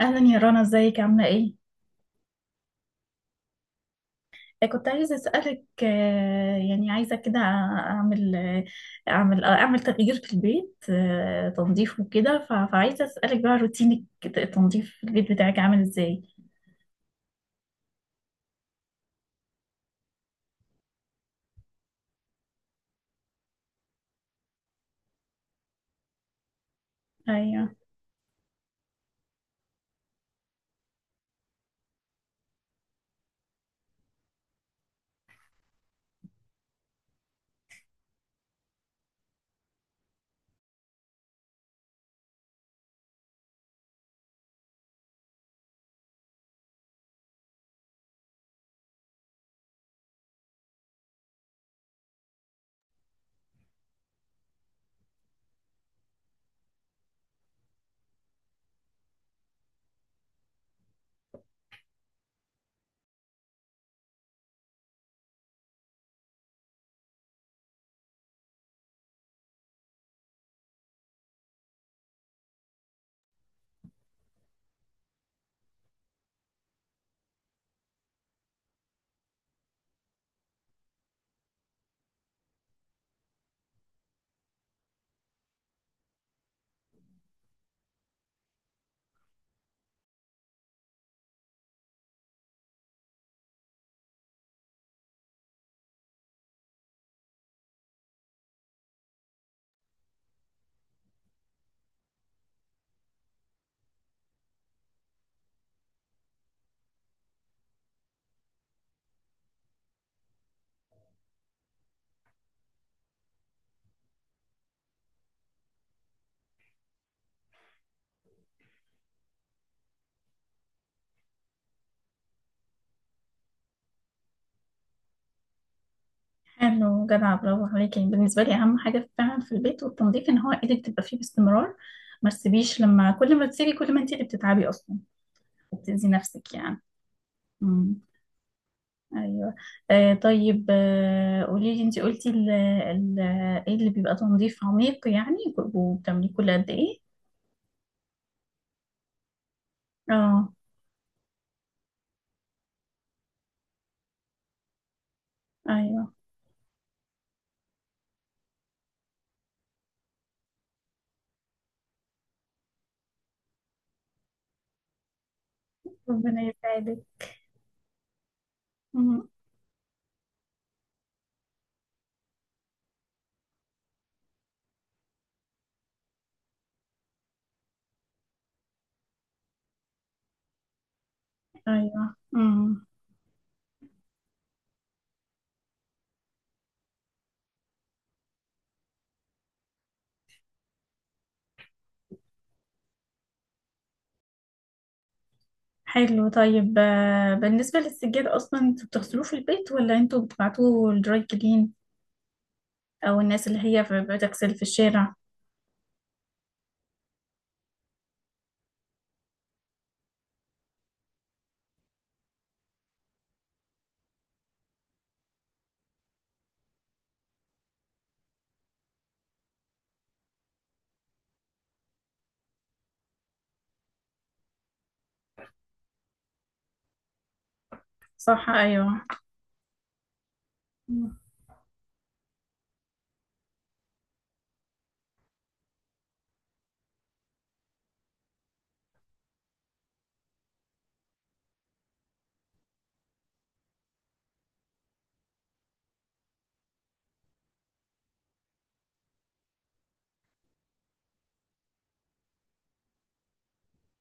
أهلا يا رنا، ازيك عاملة ايه؟ كنت عايزة أسألك، يعني عايزة كده أعمل تغيير في البيت، تنظيف وكده. فعايزة أسألك بقى، روتينك التنظيف في البيت بتاعك عامل ازاي؟ أيوة. حلو، جدع، برافو عليكي. يعني بالنسبة لي أهم حاجة فعلا في البيت والتنظيف إن هو إيدك تبقى فيه باستمرار، ما تسيبيش، لما كل ما تسيبي كل ما انت اللي بتتعبي أصلا، وبتأذي نفسك يعني. ايوه. طيب، قولي لي، انت قلتي ال ال ايه اللي بيبقى تنظيف عميق يعني، وبتعمليه كل قد ايه؟ اه. ايوه. ربنا يساعدك. أمم. ايوه، امم. حلو، طيب. بالنسبه للسجاد، اصلا انتوا بتغسلوه في البيت، ولا انتوا بتبعتوه للدراي كلين، او الناس اللي هي بتغسل في الشارع؟ صح، ايوه.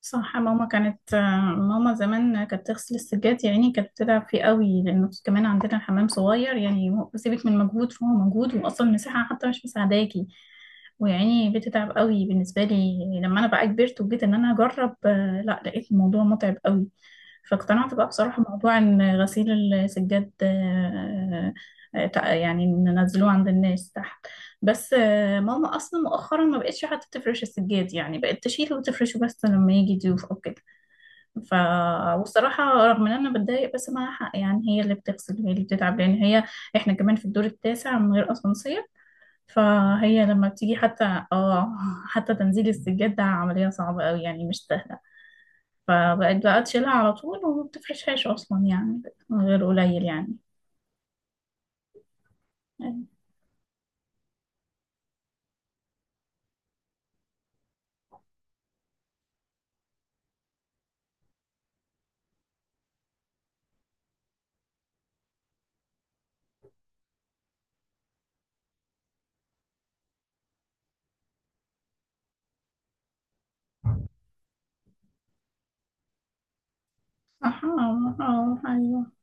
صح، ماما زمان كانت تغسل السجاد، يعني كانت بتتعب فيه قوي، لانه كمان عندنا حمام صغير، يعني سيبك من مجهود، فهو مجهود، واصلا المساحه حتى مش مساعداكي. ويعني بتتعب قوي بالنسبه لي. لما انا بقى كبرت وجيت ان انا اجرب، لا لقيت الموضوع متعب قوي. فاقتنعت بقى بصراحه موضوع ان غسيل السجاد، يعني ننزلوه عند الناس تحت. بس يعني ماما اصلا مؤخرا ما بقتش حتى تفرش السجاد، يعني بقت تشيله وتفرشه بس لما يجي ضيوف او كده. ف والصراحه رغم ان انا بتضايق، بس معاها حق، يعني هي اللي بتغسل، هي اللي بتتعب، لان هي، احنا كمان في الدور التاسع من غير اسانسير. فهي لما بتيجي، حتى تنزيل السجاد ده عمليه صعبه قوي، يعني مش سهله. فبقت بقى تشيلها على طول، وما بتفرشهاش اصلا يعني، من غير قليل يعني. أها، أها، أيوة.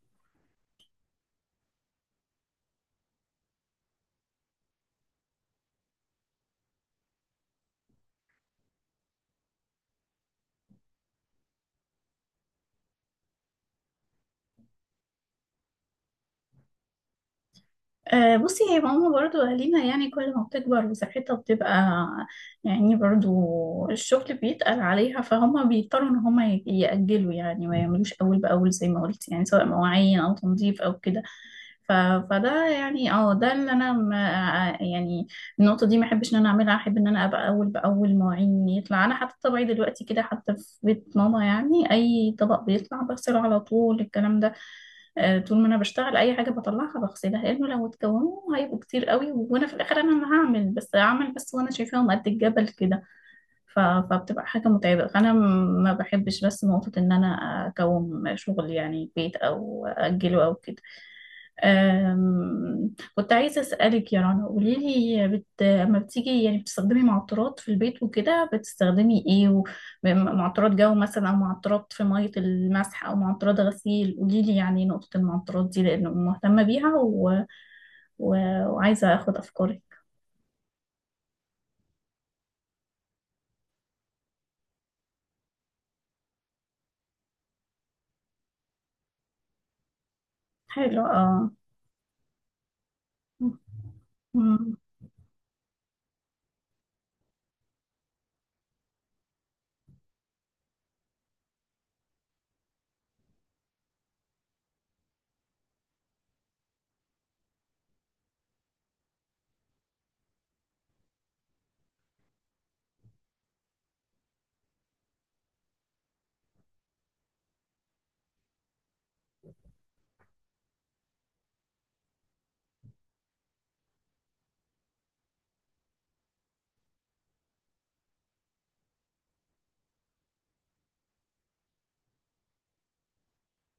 بصي، هي ماما برضو أهالينا، يعني كل ما بتكبر وصحتها بتبقى، يعني برضو الشغل بيتقل عليها، فهم بيضطروا إن هم يأجلوا، يعني ما يعملوش أول بأول زي ما قلت، يعني سواء مواعين أو تنظيف أو كده. ف... فده يعني، اه، ده اللي أنا ما، يعني النقطة دي ما أحبش إن أنا أعملها. أحب إن أنا أبقى أول بأول، مواعين يطلع أنا، حتى طبعي دلوقتي كده حتى في بيت ماما، يعني أي طبق بيطلع بغسله على طول، الكلام ده. طول ما انا بشتغل اي حاجه بطلعها بغسلها، لانه لو اتكونوا هيبقوا كتير قوي، وانا في الاخر انا اللي هعمل، بس هعمل، بس وانا شايفاهم قد الجبل كده. فبتبقى حاجة متعبة، فأنا ما بحبش بس نقطة إن أنا أكوم شغل، يعني بيت، أو أجله، أو كده. كنت عايزة أسألك يا رنا، قولي لي، لما بتيجي يعني بتستخدمي معطرات في البيت وكده، بتستخدمي إيه معطرات جو مثلا، أو معطرات في مية المسح، أو معطرات غسيل؟ قولي لي يعني نقطة المعطرات دي، لأنه مهتمة بيها، و... وعايزة أخد أفكارك. حلو، اه. م- م-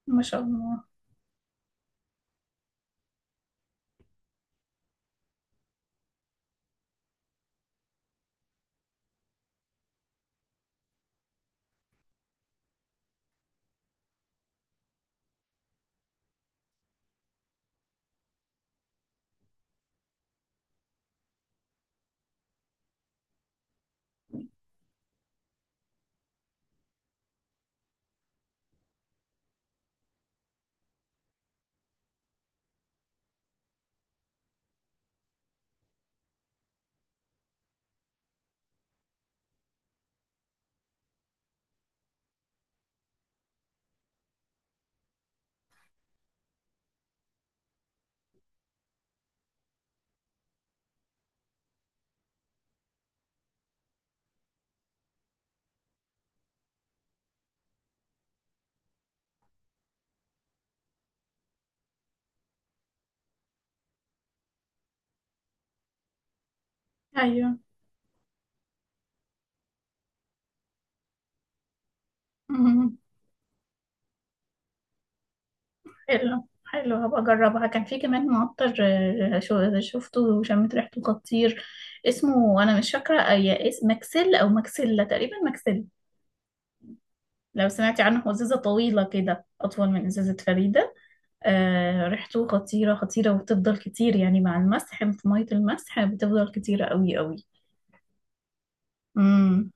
ما شاء الله. أيوه. مم. حلو، حلو، هبقى اجربها. كان في كمان معطر، شفته وشميت ريحته خطير. اسمه انا مش فاكره، اي اسم، ماكسيل او ماكسيلا تقريبا، ماكسيل. لو سمعتي عنه، هو ازازه طويله كده، اطول من ازازه فريده. آه، ريحته خطيره خطيره، وبتفضل كتير يعني مع المسح، في ميه المسح بتفضل كتيره قوي قوي.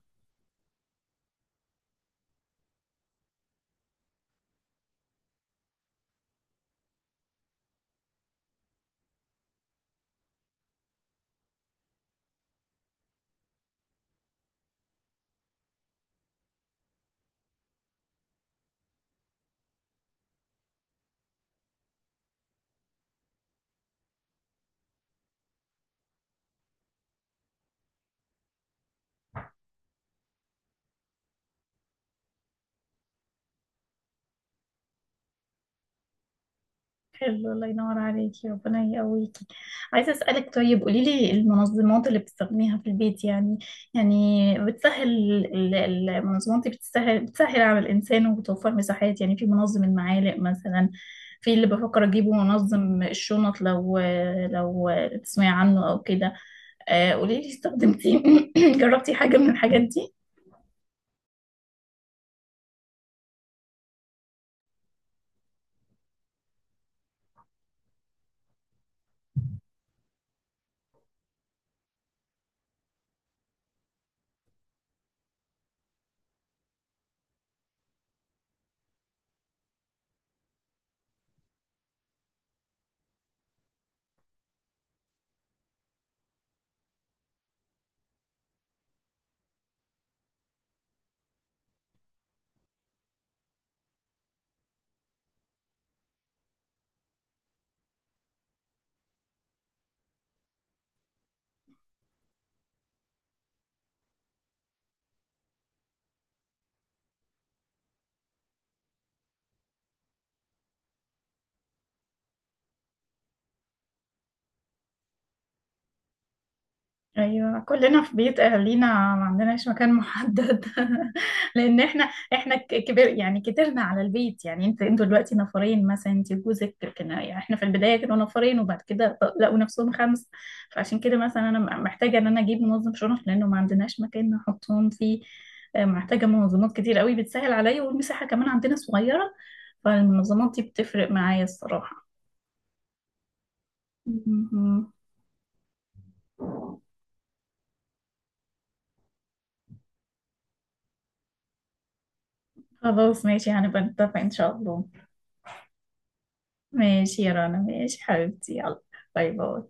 حلو، الله ينور عليكي، ربنا يقويكي. عايزة أسألك، طيب قولي لي المنظمات اللي بتستخدميها في البيت يعني، يعني بتسهل، المنظمات دي بتسهل على الإنسان، وبتوفر مساحات. يعني في منظم المعالق مثلا، في اللي بفكر أجيبه منظم الشنط. لو تسمعي عنه أو كده. قولي لي، استخدمتي جربتي حاجة من الحاجات دي؟ ايوه، كلنا في بيت اهالينا ما عندناش مكان محدد. لان احنا كبر، يعني كترنا على البيت، يعني انت انتوا دلوقتي نفرين مثلا انت وجوزك، لكن يعني احنا في البدايه كانوا نفرين، وبعد كده لقوا نفسهم خمس. فعشان كده مثلا انا محتاجه ان انا اجيب منظم شرف، لانه ما عندناش مكان نحطهم فيه. محتاجه منظمات كتير قوي بتسهل عليا، والمساحه كمان عندنا صغيره، فالمنظمات دي بتفرق معايا الصراحه. م- م. خلاص ماشي، هنبقى نتفق ان شاء الله. ماشي يا رنا، ماشي حبيبتي، يلا، باي باي.